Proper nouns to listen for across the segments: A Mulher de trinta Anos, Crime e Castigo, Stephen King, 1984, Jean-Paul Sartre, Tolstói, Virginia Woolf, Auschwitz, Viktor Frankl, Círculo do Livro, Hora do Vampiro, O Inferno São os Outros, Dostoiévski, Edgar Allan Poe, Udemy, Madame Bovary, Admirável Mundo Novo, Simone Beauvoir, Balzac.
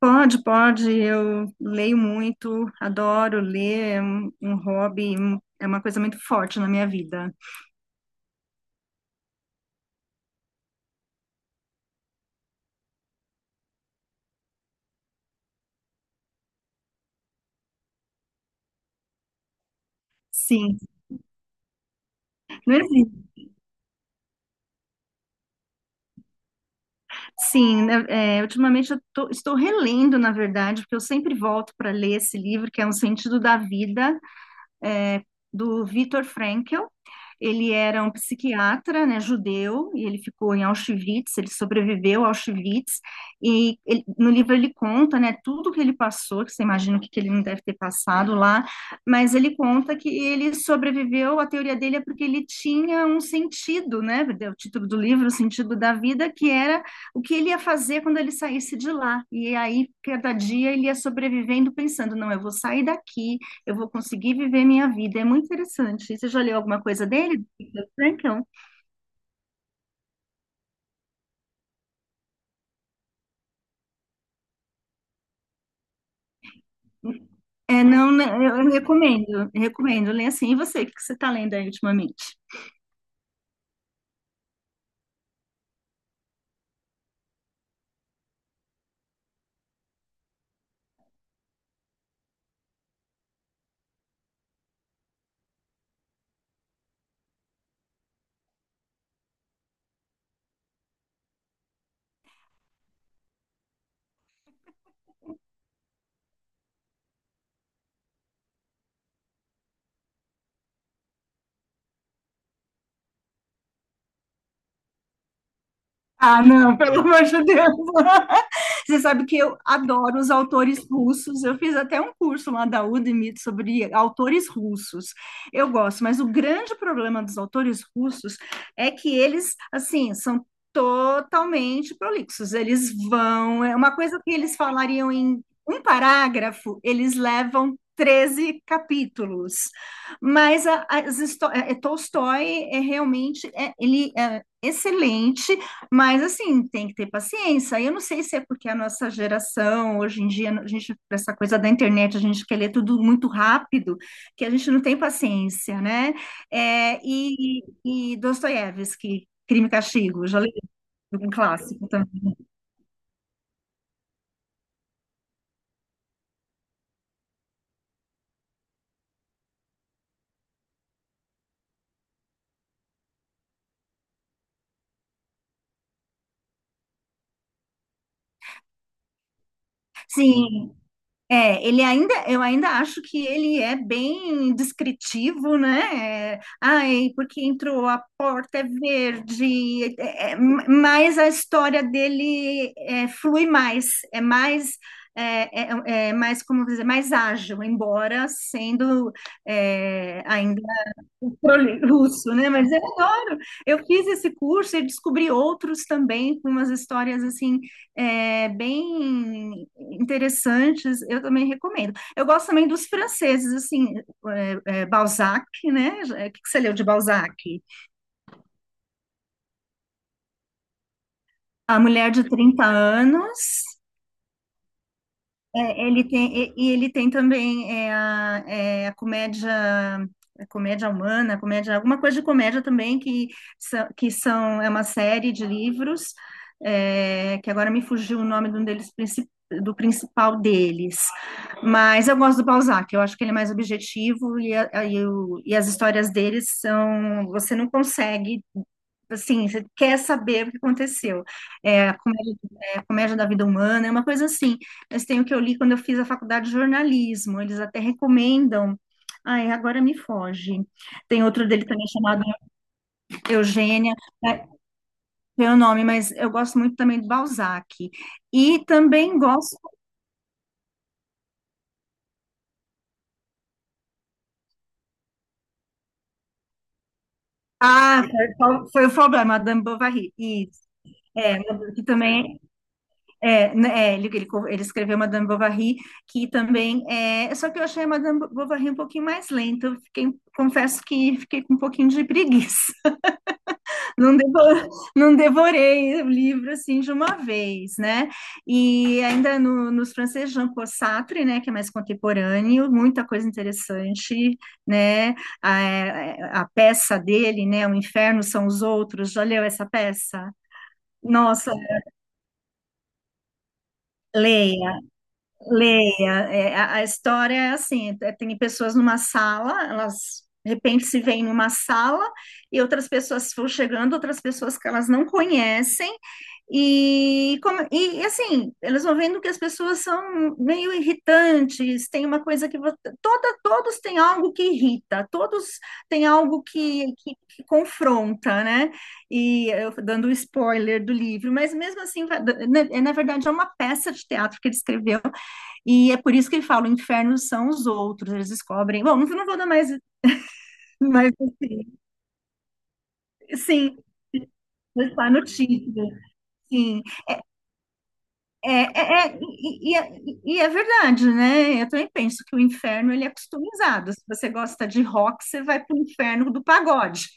Pode, pode. Eu leio muito, adoro ler, é um hobby, é uma coisa muito forte na minha vida. Sim, não existe. Sim. Né? Ultimamente eu estou relendo, na verdade, porque eu sempre volto para ler esse livro, que é Um Sentido da Vida, é, do Viktor Frankl. Ele era um psiquiatra, né, judeu, e ele ficou em Auschwitz, ele sobreviveu a Auschwitz, e no livro ele conta, né, tudo que ele passou, que você imagina o que ele não deve ter passado lá, mas ele conta que ele sobreviveu, a teoria dele é porque ele tinha um sentido, né, o título do livro, o sentido da vida, que era o que ele ia fazer quando ele saísse de lá, e aí cada dia ele ia sobrevivendo pensando, não, eu vou sair daqui, eu vou conseguir viver minha vida. É muito interessante. Você já leu alguma coisa dele, do Viktor Frankl? É, não, não, eu recomendo, eu recomendo. Lê assim. E você, o que você está lendo aí ultimamente? Ah, não, pelo amor de Deus. Você sabe que eu adoro os autores russos. Eu fiz até um curso lá da Udemy sobre autores russos. Eu gosto, mas o grande problema dos autores russos é que eles, assim, são totalmente prolixos. Eles vão, é uma coisa que eles falariam em um parágrafo, eles levam 13 capítulos. Mas a, as histó- é, Tolstói é realmente, é, ele é excelente, mas assim, tem que ter paciência. Eu não sei se é porque a nossa geração, hoje em dia, a gente, essa coisa da internet, a gente quer ler tudo muito rápido, que a gente não tem paciência, né? É, e, e Dostoiévski, Crime e Castigo, já li, um clássico também. Sim, eu ainda acho que ele é bem descritivo, né? Ai, porque entrou, a porta é verde, mas a história dele, flui mais, é mais, mais, como dizer, mais ágil, embora sendo ainda controle russo, né? Mas eu adoro. Eu fiz esse curso e descobri outros também, com umas histórias assim, bem interessantes. Eu também recomendo. Eu gosto também dos franceses, assim, Balzac, né? O que que você leu de Balzac? A Mulher de Trinta Anos. Ele tem, e ele tem também a comédia humana, a comédia, alguma coisa de comédia também, que são uma série de livros, que agora me fugiu o nome de um deles, do principal deles. Mas eu gosto do Balzac, eu acho que ele é mais objetivo e as histórias deles são, você não consegue. Assim, você quer saber o que aconteceu. É, a comédia Comédia da Vida Humana, é uma coisa assim. Mas tem o que eu li quando eu fiz a faculdade de jornalismo, eles até recomendam. Ai, agora me foge. Tem outro dele também chamado Eugênia, não é o nome, mas eu gosto muito também do Balzac. E também gosto. Ah, foi o problema, Madame Bovary. Isso, é, que também. Né, ele escreveu Madame Bovary, que também é. Só que eu achei a Madame Bovary um pouquinho mais lenta, eu fiquei, confesso que fiquei com um pouquinho de preguiça. Não, não devorei o livro assim de uma vez, né? E ainda no, nos franceses Jean-Paul Sartre, né, que é mais contemporâneo, muita coisa interessante, né? A peça dele, né, O Inferno São os Outros, já leu essa peça? Nossa, leia. Leia, a história é assim, tem pessoas numa sala, elas de repente se veem numa sala e outras pessoas vão chegando, outras pessoas que elas não conhecem e, assim, elas vão vendo que as pessoas são meio irritantes, tem uma coisa que todos têm algo que irrita, todos têm algo que confronta, né? E eu dando o spoiler do livro, mas mesmo assim, né, na verdade é uma peça de teatro que ele escreveu e é por isso que ele fala, o inferno são os outros, eles descobrem. Bom, não, não vou dar mais assim. Sim, está no título. Sim. É, e é verdade, né? Eu também penso que o inferno ele é customizado. Se você gosta de rock, você vai para o inferno do pagode.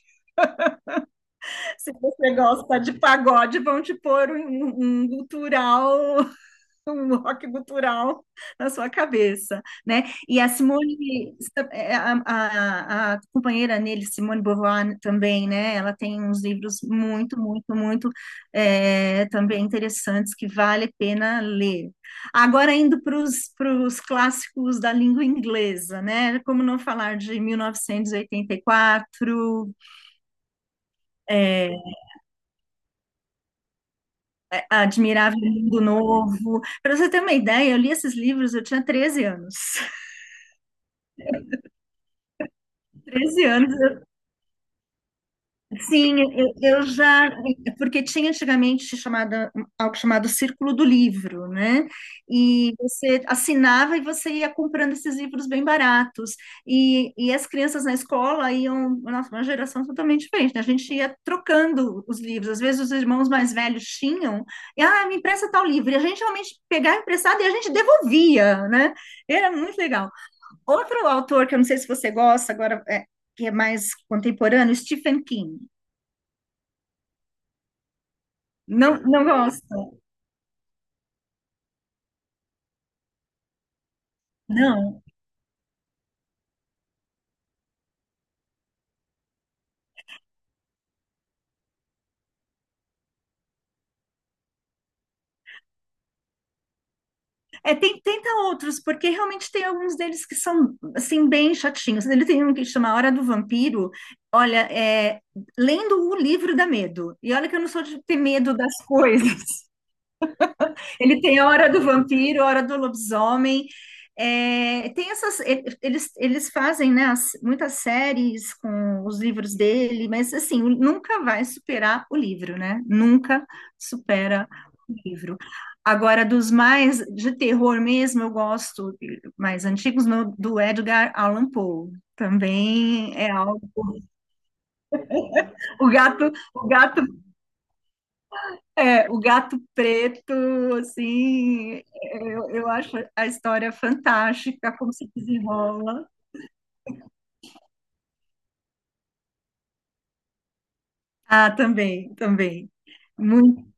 Se você gosta de pagode, vão te pôr um gutural, um rock cultural na sua cabeça, né? E a Simone, a companheira nele, Simone Beauvoir, também, né? Ela tem uns livros muito, muito, muito também interessantes, que vale a pena ler. Agora, indo para os clássicos da língua inglesa, né? Como não falar de 1984, é, Admirável Mundo Novo. Para você ter uma ideia, eu li esses livros, eu tinha 13 anos. 13 anos. Sim, eu já, porque tinha antigamente algo chamado Círculo do Livro, né? E você assinava e você ia comprando esses livros bem baratos. E as crianças na escola iam, nossa, uma geração totalmente diferente, né? A gente ia trocando os livros. Às vezes os irmãos mais velhos tinham, ah, me empresta tal livro. E a gente realmente pegava emprestado e a gente devolvia, né? Era muito legal. Outro autor que eu não sei se você gosta agora, que é mais contemporâneo, Stephen King. Não, não gosto, não. Tenta outros, porque realmente tem alguns deles que são, assim, bem chatinhos. Ele tem um que chama Hora do Vampiro. Olha, lendo o livro dá medo. E olha que eu não sou de ter medo das coisas. Ele tem a hora do vampiro, a hora do lobisomem. Tem essas, eles fazem, né, muitas séries com os livros dele, mas assim, nunca vai superar o livro, né? Nunca supera o livro. Agora, dos mais de terror mesmo, eu gosto mais antigos, do Edgar Allan Poe. Também é algo. O gato, o gato o gato preto, assim, eu acho a história fantástica, como se desenrola. Ah, também, também. Muito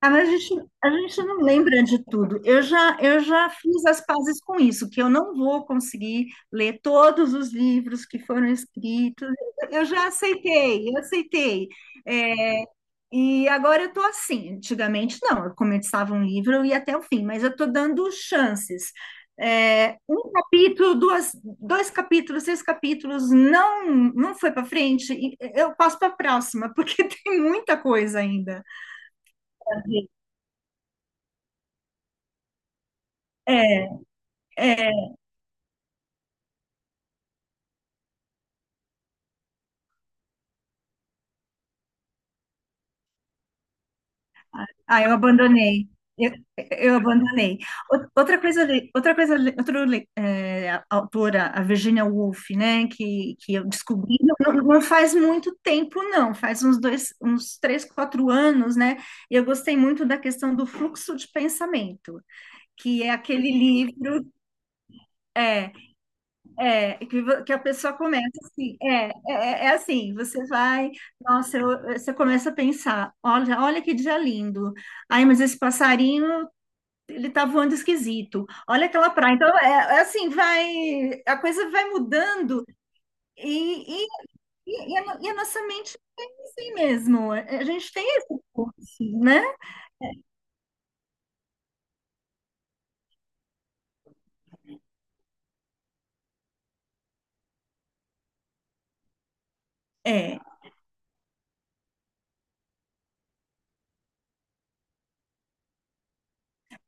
Ah, mas a gente, não lembra de tudo. Eu já fiz as pazes com isso, que eu não vou conseguir ler todos os livros que foram escritos. Eu já aceitei, eu aceitei. É, e agora eu estou assim. Antigamente, não, eu começava um livro, eu ia até o fim, mas eu estou dando chances. Um capítulo, dois capítulos, três capítulos, não, não foi para frente, e eu passo para a próxima, porque tem muita coisa ainda. É. É, ah, eu abandonei. Eu, eu abandonei. Outra coisa, le- outra coisa, le- outra le- eh, a- autora, a Virginia Woolf, né, que eu descobri, não, não faz muito tempo, não, faz uns 2, uns 3, 4 anos, né, e eu gostei muito da questão do fluxo de pensamento, que é aquele livro. é, que a pessoa começa assim, você vai, nossa, você começa a pensar, olha, olha que dia lindo, ai, mas esse passarinho, ele tá voando esquisito, olha aquela praia, então, assim, a coisa vai mudando e, e, e a, no- e a nossa mente é assim mesmo, a gente tem esse curso, né? É,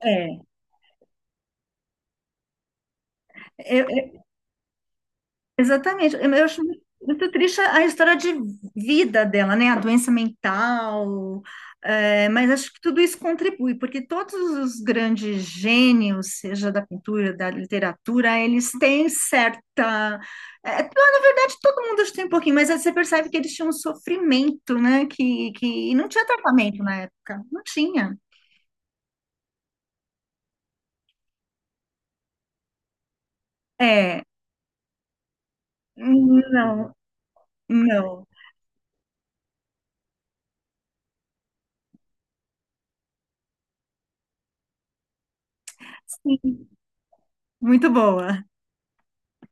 é, é, Exatamente. Eu acho muito triste a história de vida dela, né? A doença mental. Mas acho que tudo isso contribui, porque todos os grandes gênios, seja da pintura, da literatura, eles têm certa. Na verdade, todo mundo acho que tem um pouquinho, mas aí você percebe que eles tinham um sofrimento, né? Que não tinha tratamento na época. Não tinha. É, não, não. Muito boa.